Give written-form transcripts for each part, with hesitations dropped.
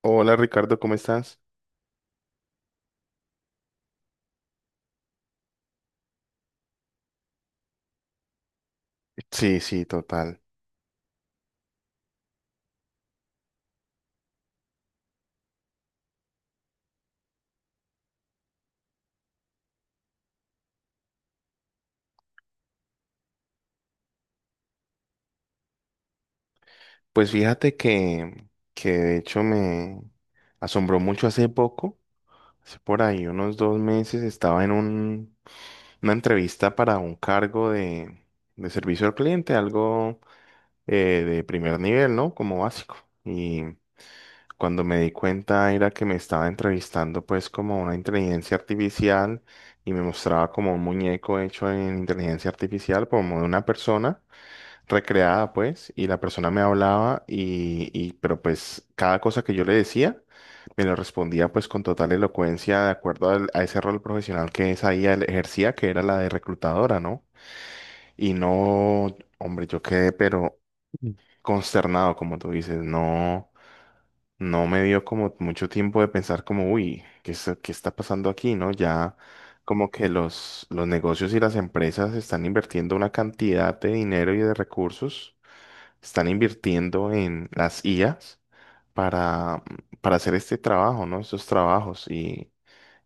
Hola Ricardo, ¿cómo estás? Sí, sí, total. Pues fíjate que de hecho me asombró mucho hace poco, hace por ahí unos 2 meses, estaba en una entrevista para un cargo de servicio al cliente, algo de primer nivel, ¿no? Como básico. Y cuando me di cuenta era que me estaba entrevistando pues como una inteligencia artificial y me mostraba como un muñeco hecho en inteligencia artificial, como de una persona recreada, pues, y la persona me hablaba pero pues cada cosa que yo le decía, me lo respondía pues con total elocuencia de acuerdo a ese rol profesional que esa IA le ejercía, que era la de reclutadora, ¿no? Y no, hombre, yo quedé pero consternado, como tú dices, no, no me dio como mucho tiempo de pensar como, uy, ¿qué, qué está pasando aquí, ¿no? Ya como que los negocios y las empresas están invirtiendo una cantidad de dinero y de recursos están invirtiendo en las IAs para, para hacer este trabajo, ¿no? Estos trabajos. Y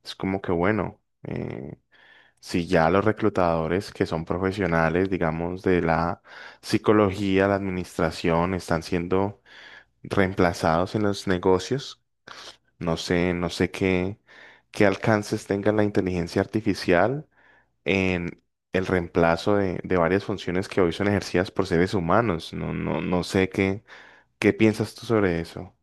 es como que, bueno, si ya los reclutadores que son profesionales, digamos, de la psicología, la administración, están siendo reemplazados en los negocios, no sé, qué alcances tenga la inteligencia artificial en el reemplazo de varias funciones que hoy son ejercidas por seres humanos. No, no, no sé qué, ¿Qué piensas tú sobre eso?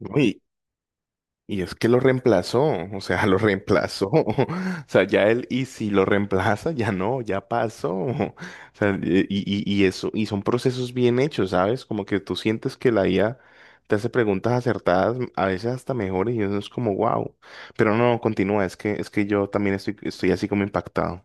Uy, y es que lo reemplazó, o sea, lo reemplazó. O sea, ya él, y si lo reemplaza, ya no, ya pasó. O sea, y eso, y son procesos bien hechos, ¿sabes? Como que tú sientes que la IA te hace preguntas acertadas, a veces hasta mejores, y uno es como, wow. Pero no, continúa, es que yo también estoy así como impactado.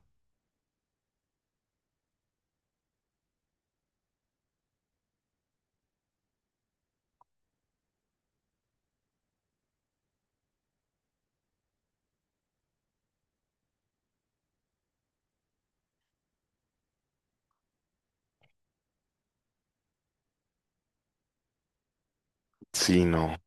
Sí, no.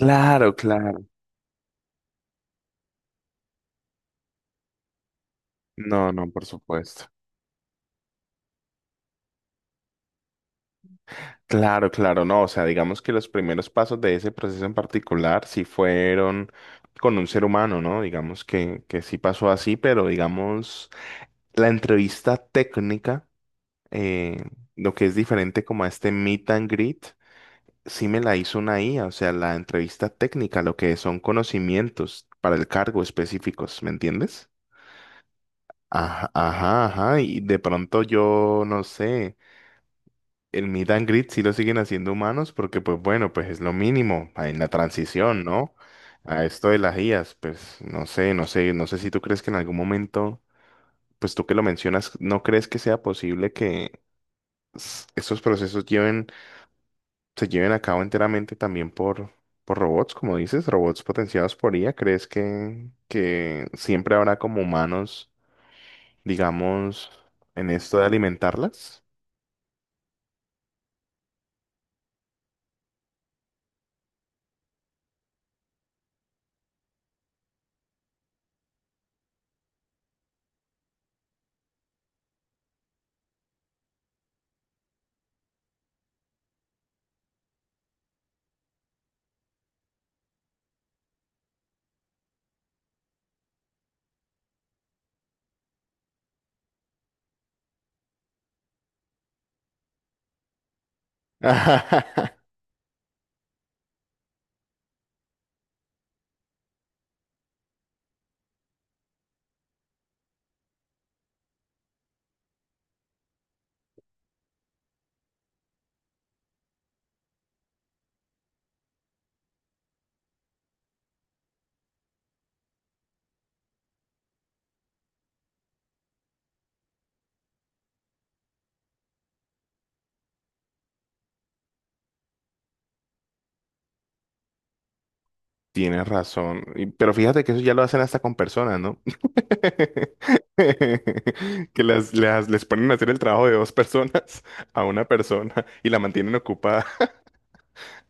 Claro, claro. No, no, por supuesto. Claro, claro, no, o sea, digamos que los primeros pasos de ese proceso en particular sí fueron con un ser humano, ¿no? Digamos que sí pasó así, pero digamos, la entrevista técnica, eh, lo que es diferente como a este meet and greet, sí me la hizo una IA, o sea, la entrevista técnica, lo que son conocimientos para el cargo específicos, ¿me entiendes? Ajá, ajá, ajá, y de pronto yo no sé. El meet and greet sí lo siguen haciendo humanos porque, pues bueno, pues es lo mínimo en la transición, ¿no? A esto de las IAs, pues no sé, no sé, no sé si tú crees que en algún momento, pues tú que lo mencionas, ¿no crees que sea posible que estos procesos lleven, se lleven a cabo enteramente también por robots, como dices, robots potenciados por IA? ¿Crees que siempre habrá como humanos, digamos, en esto de alimentarlas? Tienes razón. Y- Pero fíjate que eso ya lo hacen hasta con personas, ¿no? Que les ponen a hacer el trabajo de 2 personas a una persona y la mantienen ocupada.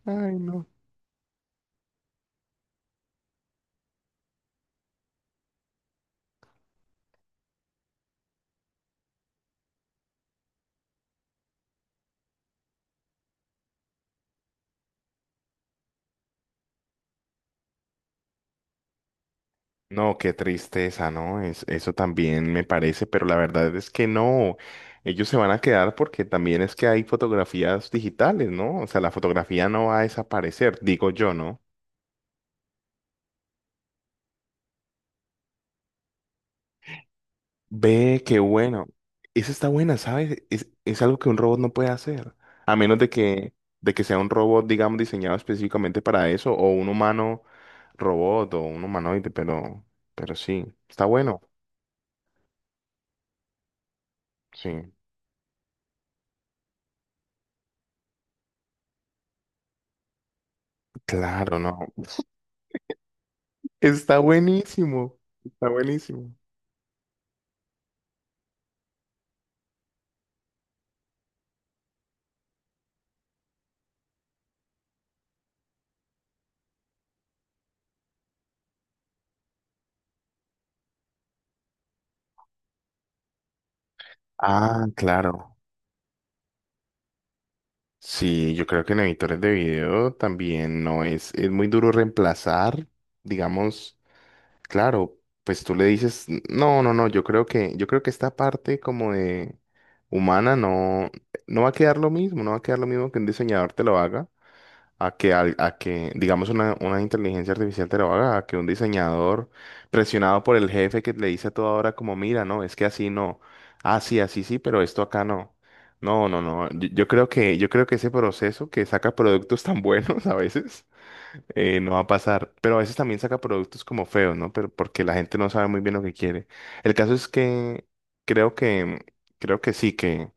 Ay, no. No, qué tristeza, ¿no? Eso también me parece, pero la verdad es que no. Ellos se van a quedar porque también es que hay fotografías digitales, ¿no? O sea, la fotografía no va a desaparecer, digo yo, ¿no? Ve, qué bueno. Esa está buena, ¿sabes? Es algo que un robot no puede hacer. A menos de de que sea un robot, digamos, diseñado específicamente para eso, o un humano robot, o un humanoide, pero sí, está bueno. Sí, claro, no. Está buenísimo. Está buenísimo. Ah, claro. Sí, yo creo que en editores de video también no es, es muy duro reemplazar, digamos. Claro, pues tú le dices, no, no, no, yo creo que esta parte como de humana no, no va a quedar lo mismo, no va a quedar lo mismo que un diseñador te lo haga, a que digamos una inteligencia artificial te lo haga, a que un diseñador presionado por el jefe que le dice a toda hora como, mira, no, es que así no, así así sí, pero esto acá no. No, no, no, yo, yo creo que ese proceso que saca productos tan buenos a veces no va a pasar. Pero a veces también saca productos como feos, ¿no? Pero porque la gente no sabe muy bien lo que quiere. El caso es que creo que, creo que sí,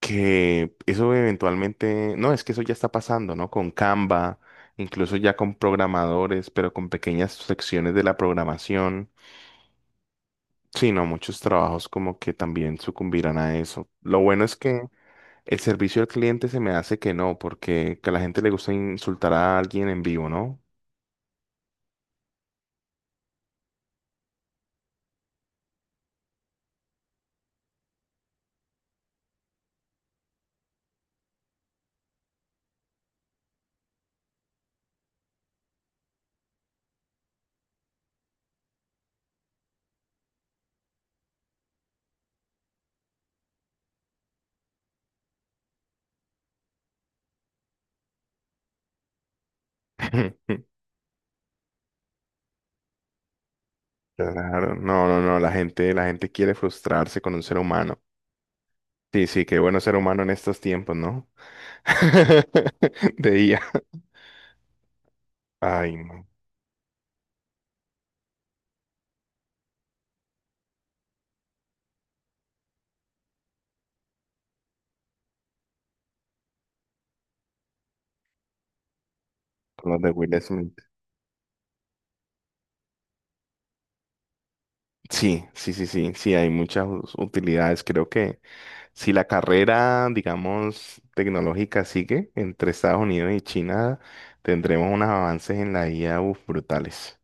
que eso eventualmente, no, es que eso ya está pasando, ¿no? Con Canva, incluso ya con programadores, pero con pequeñas secciones de la programación. Sí, no, muchos trabajos como que también sucumbirán a eso. Lo bueno es que el servicio al cliente se me hace que no, porque que a la gente le gusta insultar a alguien en vivo, ¿no? Claro, no, no, no, la gente quiere frustrarse con un ser humano. Sí, sí, qué bueno ser humano en estos tiempos, ¿no? De IA. Ay, no, con los de Will Smith. Sí, sí, sí, sí, sí, hay muchas utilidades. Creo que si la carrera, digamos, tecnológica sigue entre Estados Unidos y China, tendremos unos avances en la IA, uf, brutales.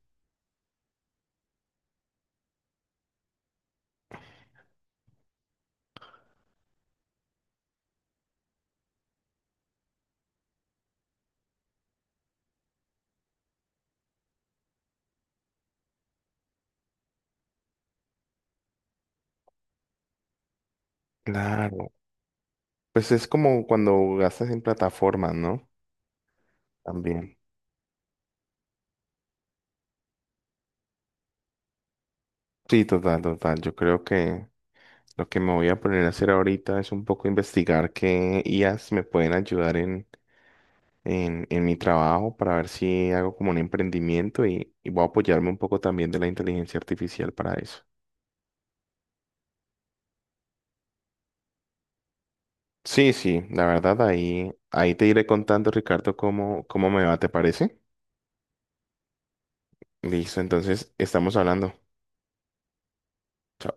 Claro, pues es como cuando gastas en plataformas, ¿no? También. Sí, total, total. Yo creo que lo que me voy a poner a hacer ahorita es un poco investigar qué IAs me pueden ayudar en mi trabajo para ver si hago como un emprendimiento y voy a apoyarme un poco también de la inteligencia artificial para eso. Sí, sí, la verdad ahí, ahí te iré contando, Ricardo, cómo, cómo me va, ¿te parece? Listo, entonces estamos hablando. Chao.